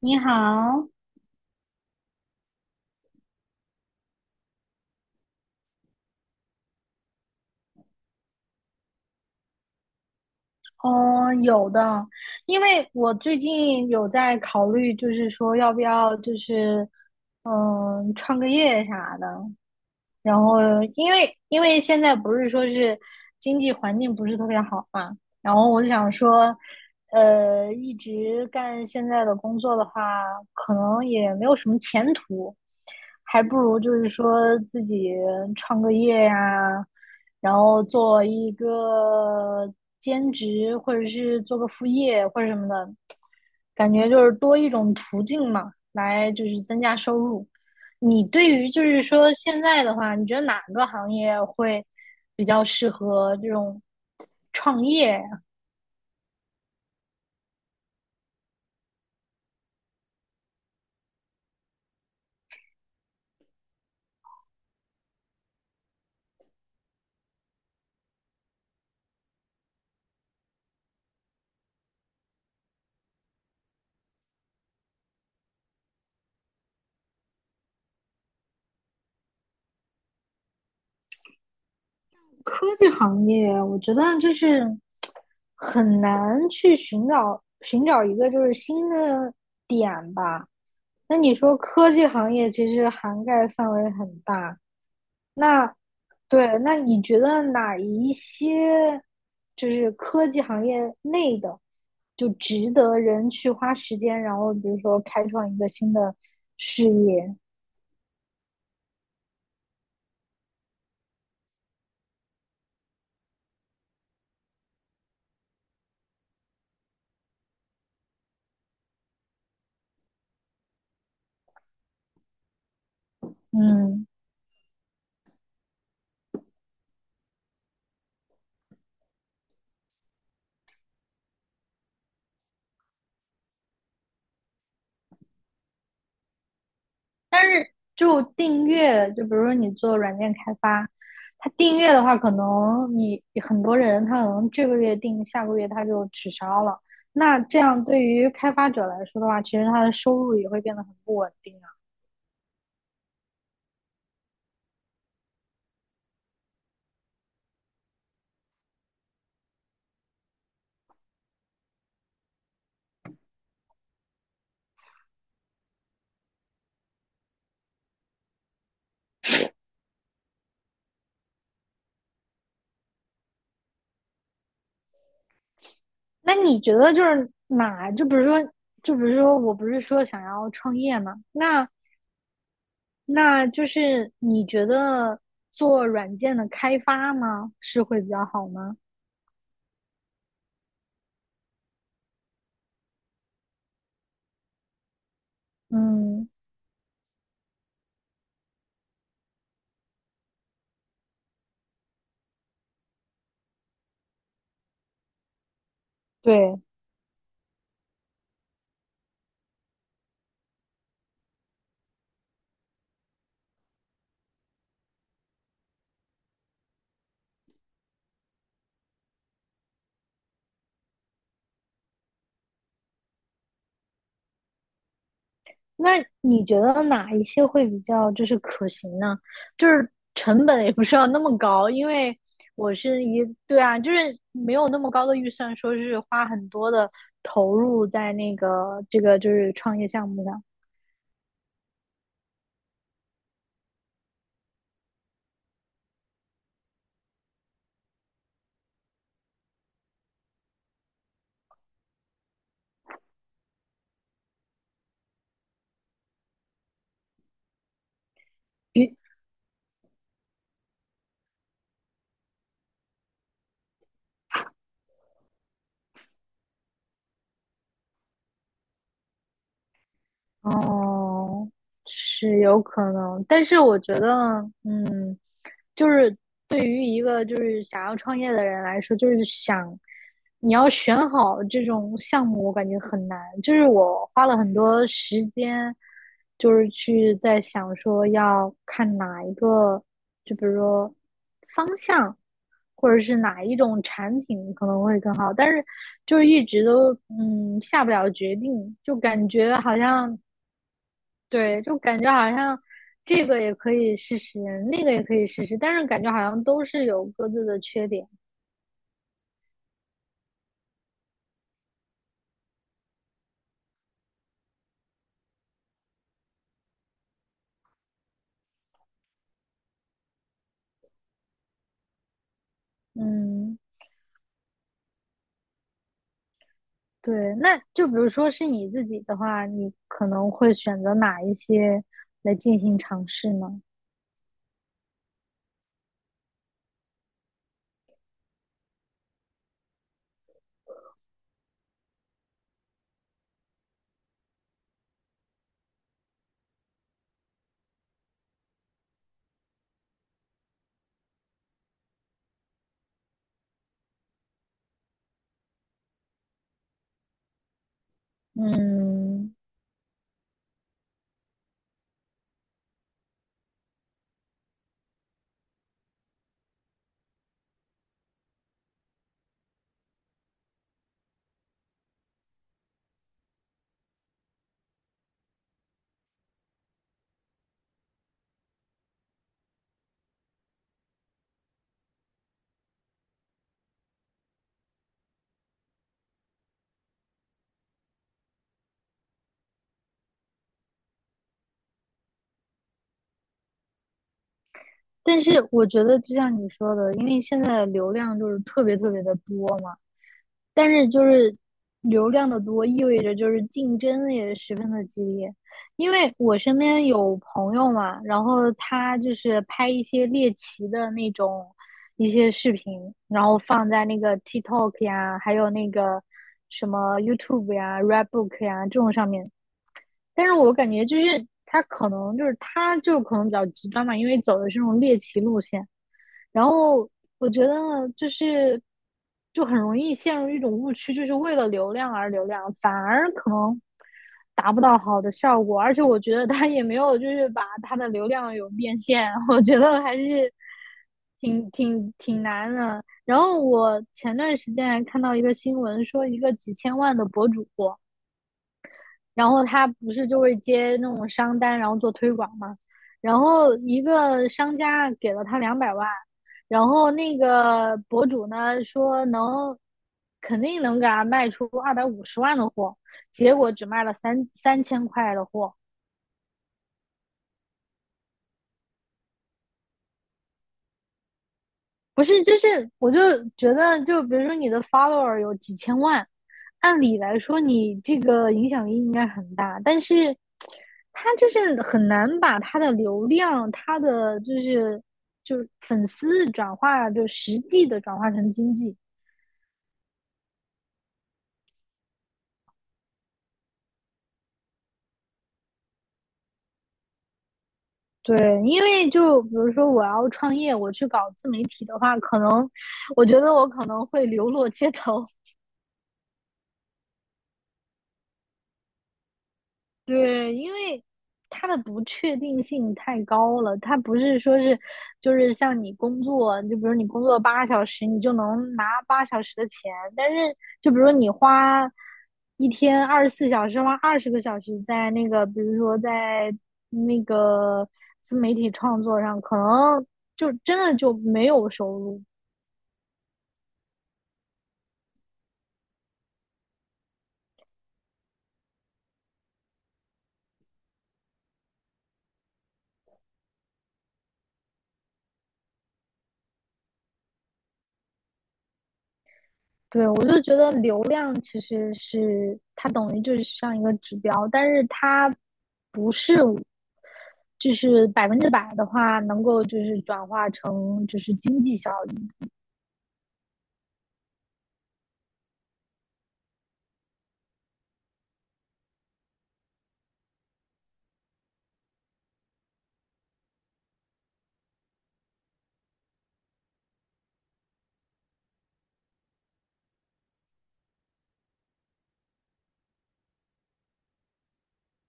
你好。嗯，有的。因为我最近有在考虑，就是说要不要，就是创个业啥的。然后因为现在不是说是经济环境不是特别好嘛，然后我想说，一直干现在的工作的话，可能也没有什么前途，还不如就是说自己创个业呀，然后做一个兼职，或者是做个副业或者什么的，感觉就是多一种途径嘛，来就是增加收入。你对于就是说现在的话，你觉得哪个行业会比较适合这种创业？科技行业，我觉得就是很难去寻找一个就是新的点吧。那你说科技行业其实涵盖范围很大，那对，那你觉得哪一些就是科技行业内的，就值得人去花时间，然后比如说开创一个新的事业？嗯，就订阅，就比如说你做软件开发，它订阅的话，可能你很多人他可能这个月订，下个月他就取消了。那这样对于开发者来说的话，其实他的收入也会变得很不稳定啊。那你觉得就是哪？就比如说，就比如说，我不是说想要创业嘛？那就是你觉得做软件的开发吗？是会比较好吗？嗯，对。那你觉得哪一些会比较就是可行呢？就是成本也不是要那么高，因为我是一，对啊，就是没有那么高的预算，说是花很多的投入在那个这个就是创业项目上。哦，是有可能，但是我觉得，嗯，就是对于一个就是想要创业的人来说，就是想你要选好这种项目，我感觉很难。就是我花了很多时间，就是去在想说要看哪一个，就比如说方向，或者是哪一种产品可能会更好，但是就是一直都下不了决定，就感觉好像。对，就感觉好像这个也可以试试，那个也可以试试，但是感觉好像都是有各自的缺点。嗯，对，那就比如说是你自己的话，你可能会选择哪一些来进行尝试呢？嗯，但是我觉得就像你说的，因为现在流量就是特别特别的多嘛。但是就是流量的多，意味着就是竞争也十分的激烈。因为我身边有朋友嘛，然后他就是拍一些猎奇的那种一些视频，然后放在那个 TikTok 呀，还有那个什么 YouTube 呀、Redbook 呀这种上面。但是我感觉就是他可能就是他就可能比较极端嘛，因为走的是那种猎奇路线。然后我觉得呢，就是就很容易陷入一种误区，就是为了流量而流量，反而可能达不到好的效果。而且我觉得他也没有就是把他的流量有变现，我觉得还是挺难的。然后我前段时间还看到一个新闻，说一个几千万的博主。然后他不是就会接那种商单，然后做推广嘛。然后一个商家给了他200万，然后那个博主呢说能肯定能给他卖出250万的货，结果只卖了三千块的货。不是，就是我就觉得，就比如说你的 follower 有几千万，按理来说你这个影响力应该很大，但是他就是很难把他的流量、他的就是粉丝转化，就实际的转化成经济。对，因为就比如说我要创业，我去搞自媒体的话，可能我觉得我可能会流落街头，对，因为它的不确定性太高了，它不是说是，就是像你工作，就比如你工作八小时，你就能拿八小时的钱，但是就比如你花一天24小时，花20个小时在那个，比如说在那个自媒体创作上，可能就真的就没有收入。对，我就觉得流量其实是它等于就是像一个指标，但是它不是就是100%的话能够就是转化成就是经济效益。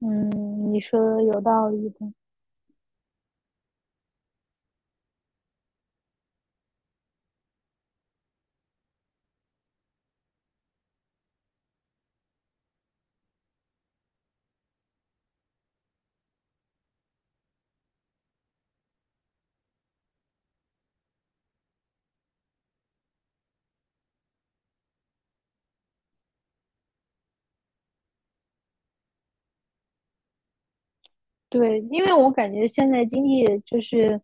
嗯，你说的有道理的。对，因为我感觉现在经济就是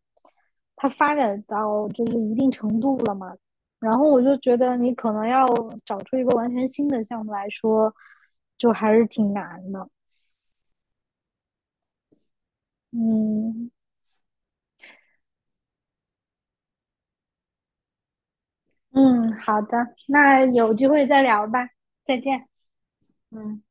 它发展到就是一定程度了嘛，然后我就觉得你可能要找出一个完全新的项目来说，就还是挺难的。嗯，嗯，好的，那有机会再聊吧，再见。嗯。